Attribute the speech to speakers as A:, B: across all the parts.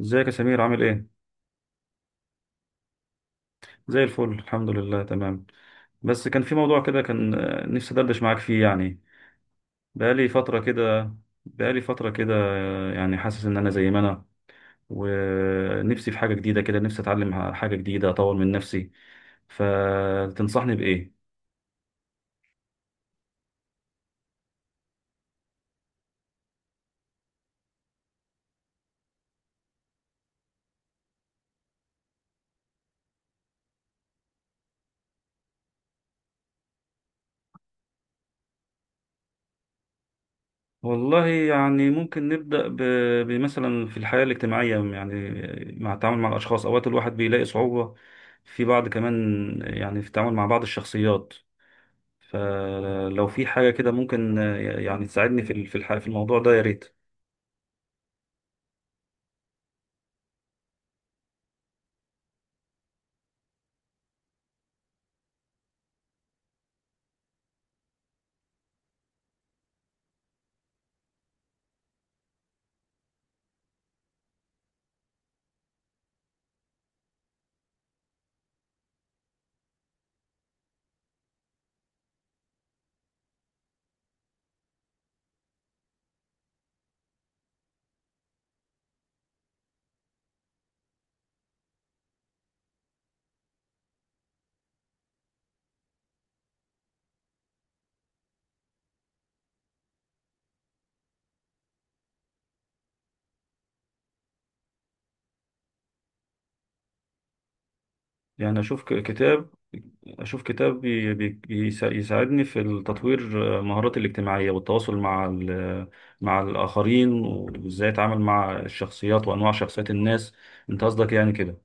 A: ازيك يا سمير؟ عامل ايه؟ زي الفل، الحمد لله تمام. بس كان في موضوع كده، كان نفسي ادردش معاك فيه يعني. بقالي فترة كده. بقالي فترة كده يعني حاسس ان انا زي ما انا. ونفسي في حاجة جديدة كده، نفسي اتعلم حاجة جديدة، اطور من نفسي. فتنصحني بايه؟ والله يعني ممكن نبدأ بمثلا في الحياة الاجتماعية يعني، مع التعامل مع الأشخاص. أوقات الواحد بيلاقي صعوبة في بعض كمان، يعني في التعامل مع بعض الشخصيات. فلو في حاجة كده ممكن يعني تساعدني في ال- في الح- في الموضوع ده يا ريت. يعني أشوف كتاب، أشوف كتاب يساعدني في تطوير مهاراتي الاجتماعية والتواصل مع الآخرين، وإزاي أتعامل مع الشخصيات وأنواع شخصيات الناس. أنت قصدك يعني كده؟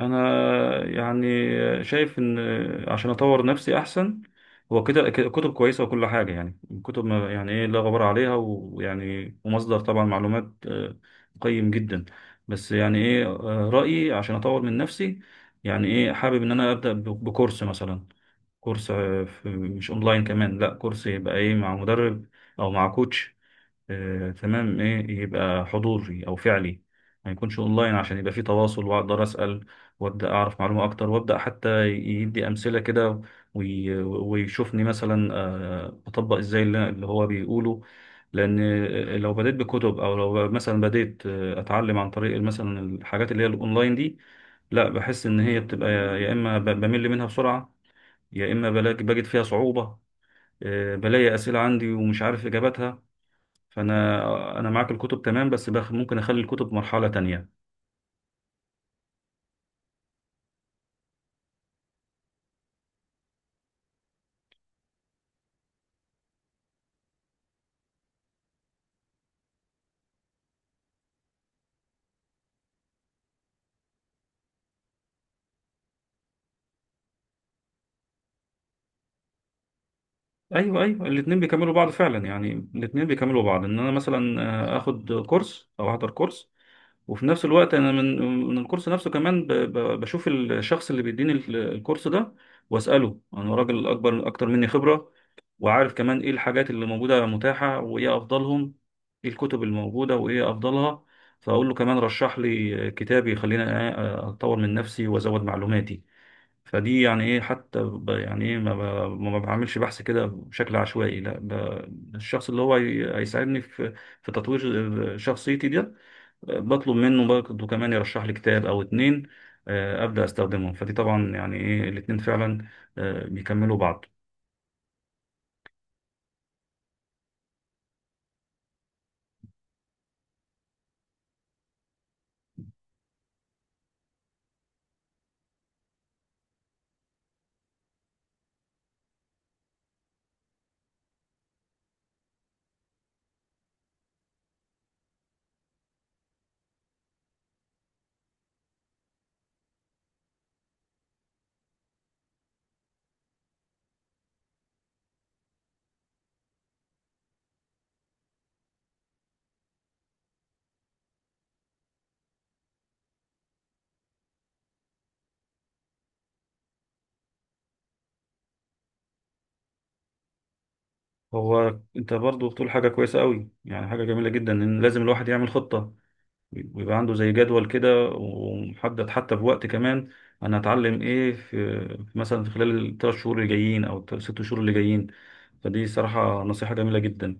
A: انا يعني شايف ان عشان اطور نفسي احسن، هو كده كده كتب كويسه وكل حاجه. يعني الكتب يعني ايه لا غبار عليها، ويعني ومصدر طبعا معلومات قيم جدا. بس يعني ايه، رايي عشان اطور من نفسي، يعني ايه حابب ان انا ابدا بكورس مثلا. كورس مش اونلاين كمان، لا، كورس يبقى ايه مع مدرب او مع كوتش. تمام، ايه يبقى حضوري او فعلي، ما يكونش اونلاين عشان يبقى في تواصل واقدر اسال، وابدا اعرف معلومه اكتر، وابدا حتى يدي امثله كده ويشوفني مثلا بطبق ازاي اللي هو بيقوله. لان لو بديت بكتب، او لو مثلا بديت اتعلم عن طريق مثلا الحاجات اللي هي الاونلاين دي، لا، بحس ان هي بتبقى يا اما بمل منها بسرعه، يا اما بلاقي بجد فيها صعوبه، بلاقي اسئله عندي ومش عارف اجابتها. فانا معاك الكتب تمام، بس ممكن اخلي الكتب مرحله تانية. ايوه ايوه، الاثنين بيكملوا بعض فعلا، يعني الاثنين بيكملوا بعض ان انا مثلا اخد كورس او احضر كورس، وفي نفس الوقت انا من الكورس نفسه كمان بشوف الشخص اللي بيديني الكورس ده واساله. انا راجل اكبر، اكتر مني خبره، وعارف كمان ايه الحاجات اللي موجوده متاحه وايه افضلهم، ايه الكتب الموجوده وايه افضلها. فاقول له كمان رشح لي كتاب يخليني اطور من نفسي وازود معلوماتي. فدي يعني ايه، حتى ب- يعني ايه ما ب- ما بعملش بحث كده بشكل عشوائي، لا، الشخص اللي هو هيساعدني في تطوير شخصيتي دي، بطلب منه برضه كمان يرشح لي كتاب او اتنين ابدا استخدمهم. فدي طبعا يعني ايه الاتنين فعلا بيكملوا بعض. هو انت برضه بتقول حاجه كويسه قوي، يعني حاجه جميله جدا ان لازم الواحد يعمل خطه، بيبقى عنده زي جدول كده ومحدد حتى بوقت كمان. انا هتعلم ايه في مثلا في خلال الثلاث شهور اللي جايين او الست شهور اللي جايين. فدي صراحة نصيحة جميلة جدا.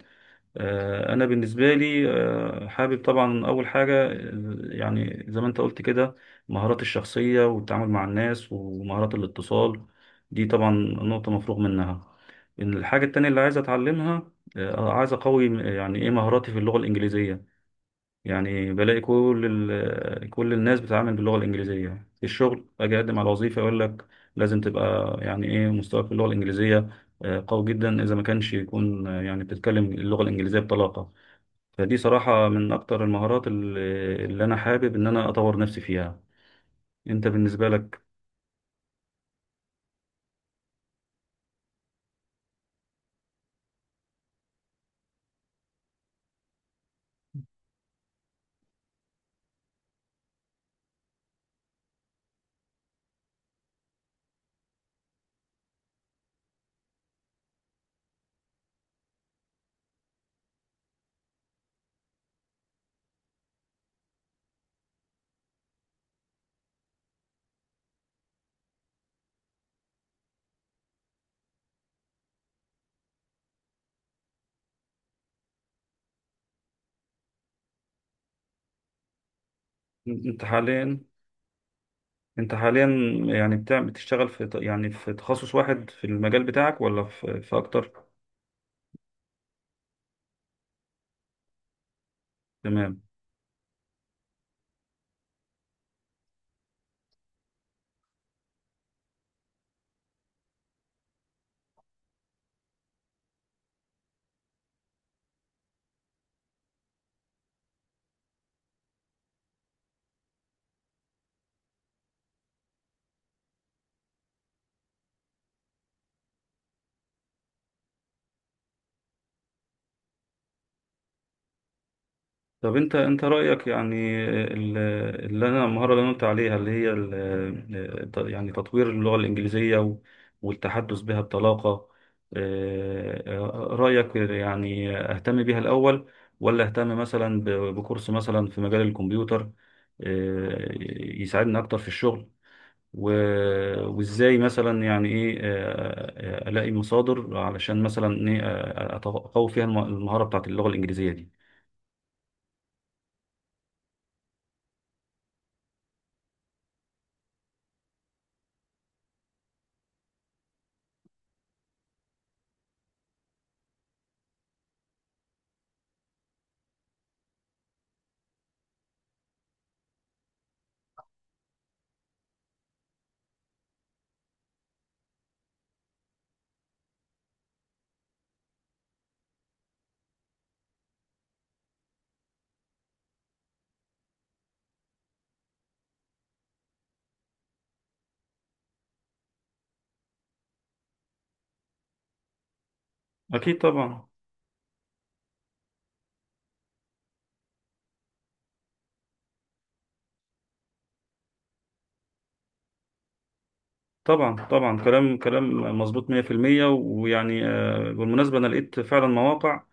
A: أنا بالنسبة لي حابب طبعا أول حاجة، يعني زي ما أنت قلت كده مهارات الشخصية والتعامل مع الناس، ومهارات الاتصال، دي طبعا نقطة مفروغ منها. إن الحاجة التانية اللي عايز أتعلمها، عايز أقوي يعني إيه مهاراتي في اللغة الإنجليزية. يعني بلاقي كل كل الناس بتتعامل باللغة الإنجليزية في الشغل. أجي أقدم على وظيفة يقول لك لازم تبقى يعني إيه مستواك في اللغة الإنجليزية قوي جدا، إذا ما كانش يكون يعني بتتكلم اللغة الإنجليزية بطلاقة. فدي صراحة من أكتر المهارات اللي أنا حابب إن أنا أطور نفسي فيها. أنت بالنسبة لك؟ أنت حاليا أنت حاليا يعني بتشتغل في يعني في تخصص واحد في المجال بتاعك، ولا في أكتر؟ تمام. طب انت رايك يعني ال- اللي انا، المهاره اللي انا قلت عليها، اللي هي يعني تطوير اللغه الانجليزيه والتحدث بها بطلاقه، اه، رايك يعني اهتم بيها الاول ولا اهتم مثلا بكورس مثلا في مجال الكمبيوتر اه، يساعدني اكتر في الشغل؟ وازاي مثلا يعني ايه الاقي مصادر علشان مثلا ايه اقوي فيها المهاره بتاعت اللغه الانجليزيه دي. اكيد طبعا. طبعا طبعا كلام كلام مظبوط 100%. ويعني بالمناسبة أنا لقيت فعلا مواقع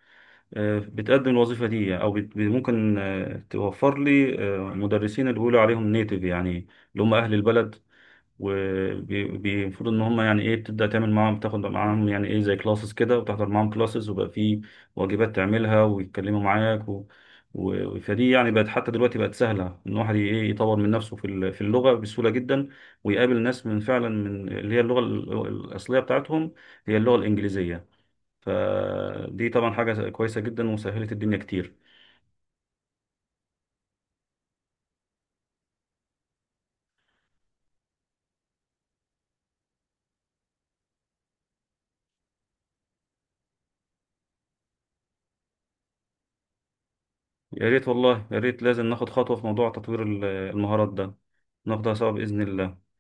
A: بتقدم الوظيفة دي، أو ممكن توفر لي مدرسين اللي بيقولوا عليهم نيتيف، يعني اللي هم أهل البلد. وبيفرض ان هم يعني ايه بتبدا تعمل معاهم، تاخد معاهم يعني ايه زي كلاسز كده، وتحضر معاهم كلاسز، وبقى في واجبات تعملها ويتكلموا معاك، فدي يعني بقت حتى دلوقتي بقت سهله ان الواحد ايه يطور من نفسه في اللغه بسهوله جدا، ويقابل ناس من فعلا من اللي هي اللغه الاصليه بتاعتهم، هي اللغه الانجليزيه. فدي طبعا حاجه كويسه جدا وسهلت الدنيا كتير. يا ريت والله، يا ريت لازم ناخد خطوه في موضوع تطوير المهارات ده، ناخدها سوا باذن الله.